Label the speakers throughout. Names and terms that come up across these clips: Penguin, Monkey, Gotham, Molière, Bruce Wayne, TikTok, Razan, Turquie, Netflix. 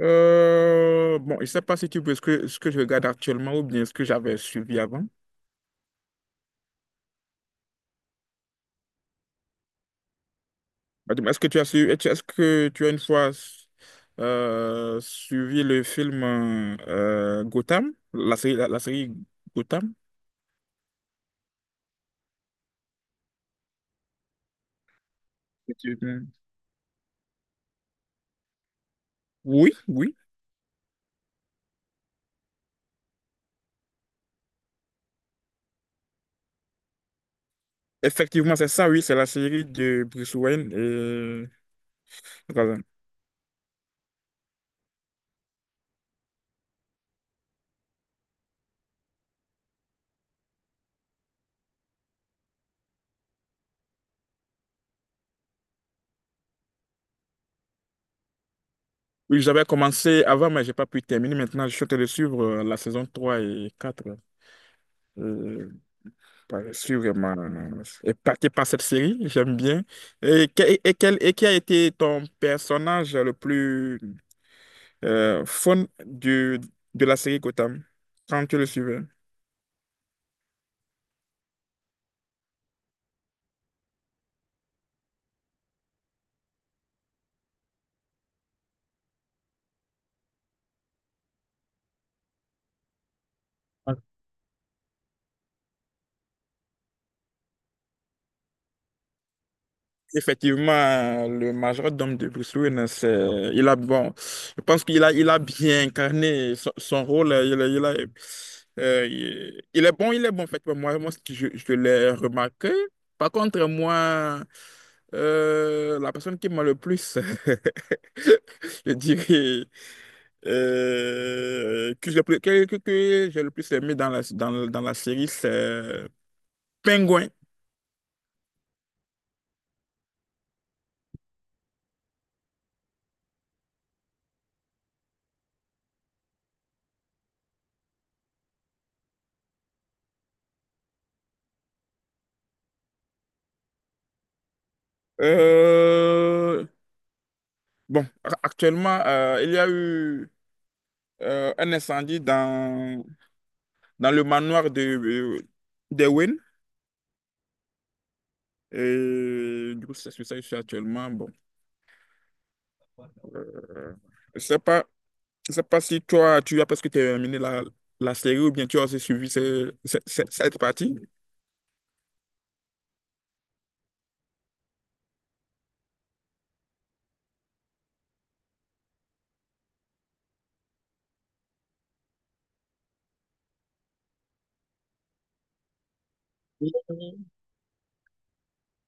Speaker 1: Je ne sais pas si tu veux ce que je regarde actuellement ou bien ce que j'avais suivi avant. Bah, dis-moi, est-ce que tu as suivi, est-ce que tu as une fois suivi le film Gotham, la série, la série Gotham? Que Hmm. Oui, oui. Effectivement, c'est ça, oui, c'est la série de Bruce Wayne et Razan. Oui, j'avais commencé avant, mais j'ai pas pu terminer. Maintenant, je suis en train de suivre la saison 3 et 4. Euh, Ouais, je suis vraiment épaté par cette série, j'aime bien. Et qui a été ton personnage le plus fun de la série Gotham quand tu le suivais? Effectivement, le majordome de Bruce Wayne, c'est, il a, bon, je pense qu'il a, il a bien incarné son, son rôle. Il est bon, il est bon, en fait. Moi, ce que je l'ai remarqué. Par contre, moi, la personne qui m'a le plus, je dirais, que j'ai plus- que j'ai le plus aimé dans la série, c'est Penguin. Euh, Actuellement, il y a eu un incendie dans le manoir d'Ewen. Et du coup, c'est sur ça que je suis actuellement. Bon, euh, je sais pas, je sais pas si toi, tu as presque terminé la série ou bien tu as aussi suivi cette partie.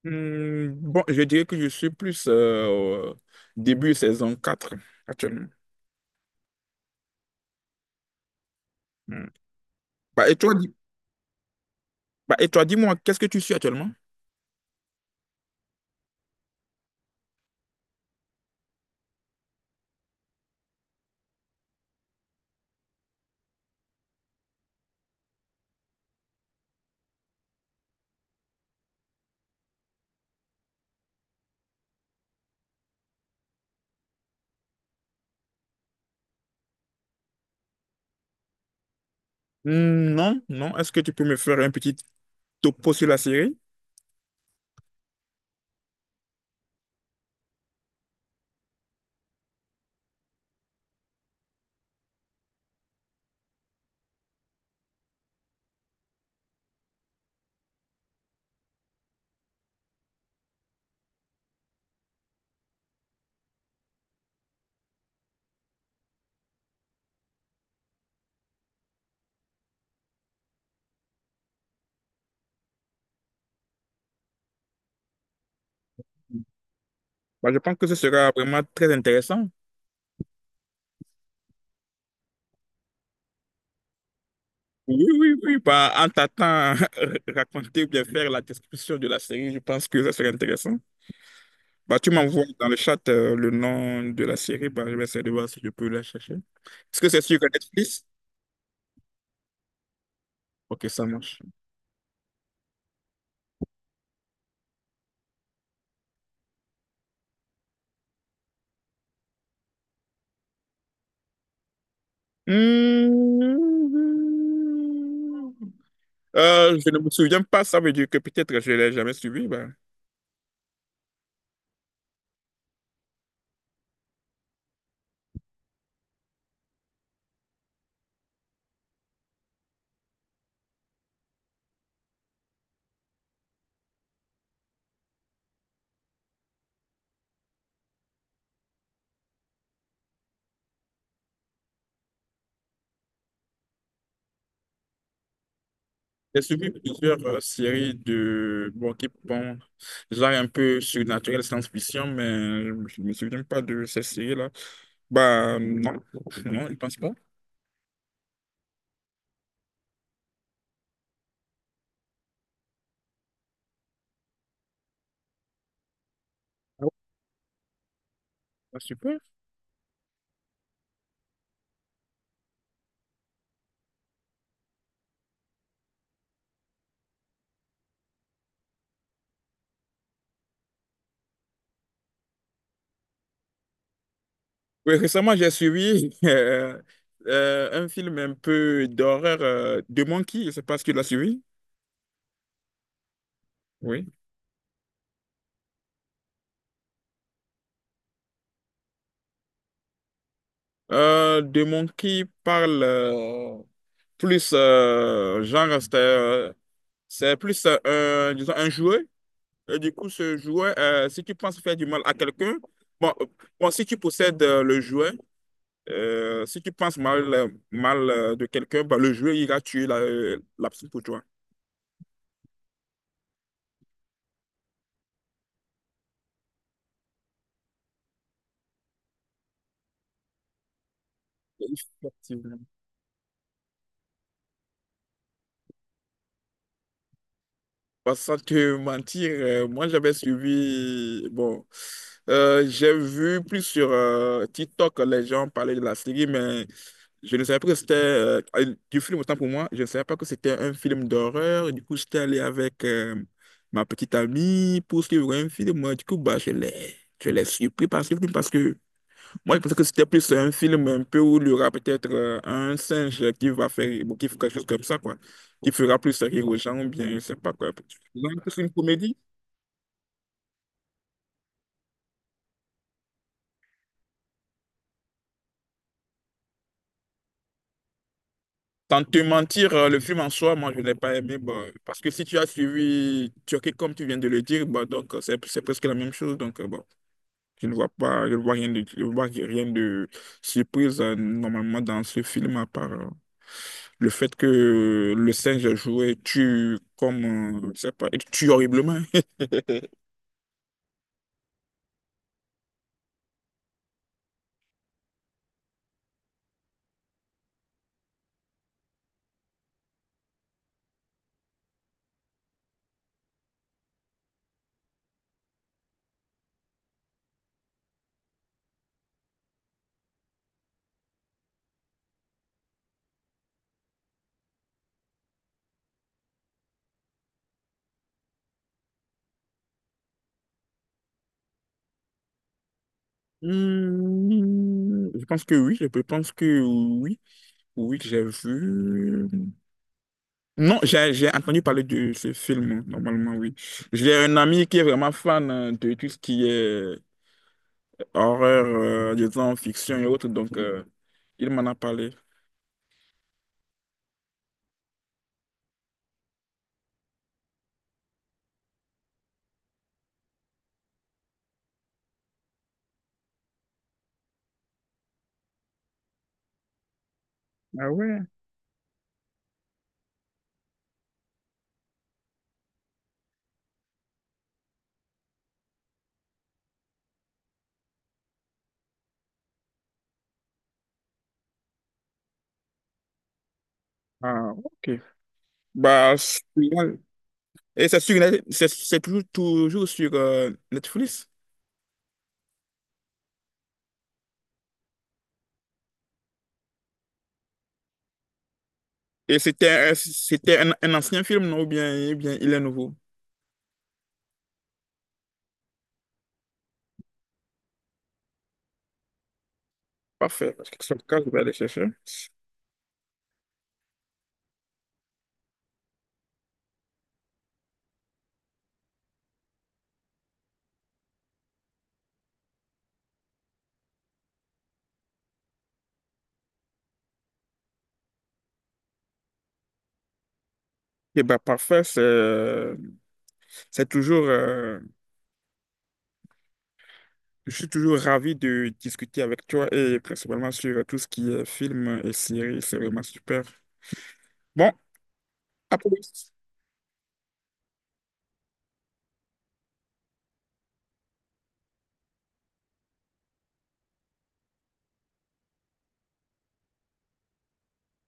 Speaker 1: Hmm, bon, je dirais que je suis plus au début saison 4 actuellement. Hmm. Bah, et toi, dis, et toi, dis-moi, qu'est-ce que tu suis actuellement? Hmm, non, non. Est-ce que tu peux me faire un petit topo sur la série? Bah, je pense que ce sera vraiment très intéressant. Oui, oui, oui. Bah, en t'attendant raconter ou bien faire la description de la série, je pense que ça serait intéressant. Bah, tu m'envoies dans le chat le nom de la série. Bah, je vais essayer de voir si je peux la chercher. Est-ce que c'est sur Netflix? Ok, ça marche. Mmh. Je ne me souviens pas, ça veut dire que peut-être je ne l'ai jamais suivi. Bah. J'ai suivi plusieurs séries de bon, qui, bon, genre un peu surnaturel, science-fiction, mais je ne me souviens pas de ces séries-là. Bah non, non, je pense pas. Ah ouais, bah, super. Oui, récemment, j'ai suivi un film un peu d'horreur de Monkey. Je sais pas si tu l'as suivi. Oui. De Monkey parle plus genre, c'est plus un, disons, un jouet. Et du coup, ce jouet, si tu penses faire du mal à quelqu'un, bon, bon, si tu possèdes le jouet, euh, si tu penses mal, mal de quelqu'un, bah, le jeu ira tuer la personne pour toi. Effectivement. Bah, sans te mentir, moi j'avais suivi, bon, j'ai vu plus sur TikTok les gens parler de la série, mais je ne savais pas que c'était du film, autant pour moi, je ne savais pas que c'était un film d'horreur. Du coup, j'étais allé avec ma petite amie pour suivre un film. Du coup, bah, je l'ai surpris par ce film, parce que moi, je pensais que c'était plus un film un peu où il y aura peut-être un singe qui va faire, bon, qui fera quelque chose comme ça, quoi. Qui fera plus rire aux gens, ou bien, je sais pas quoi. Donc, c'est une comédie. Tant te mentir, le film en soi, moi, je l'ai pas aimé, bah, parce que si tu as suivi Turquie, comme tu viens de le dire, bah, donc, c'est presque la même chose, donc, bon. Je ne vois pas, je ne vois rien de surprise normalement dans ce film à part le fait que le singe joué tue comme, je sais pas, il tue horriblement. Hmm, je pense que oui, oui, j'ai vu. Non, j'ai entendu parler de ce film, normalement, oui. J'ai un ami qui est vraiment fan de tout ce qui est horreur, disons, fiction et autres, donc il m'en a parlé. Ah ouais? Ah, ok. Bah, celui-là, et c'est sur Net-, c'est toujours, toujours sur Netflix. Et c'était un-, c'était un ancien film, non? Ou bien il est nouveau? Parfait. Parce que sur le cas, je vais aller chercher. Et bah, parfait, c'est toujours. Euh, je suis toujours ravi de discuter avec toi et principalement sur tout ce qui est film et séries. C'est vraiment super. Bon, à plus.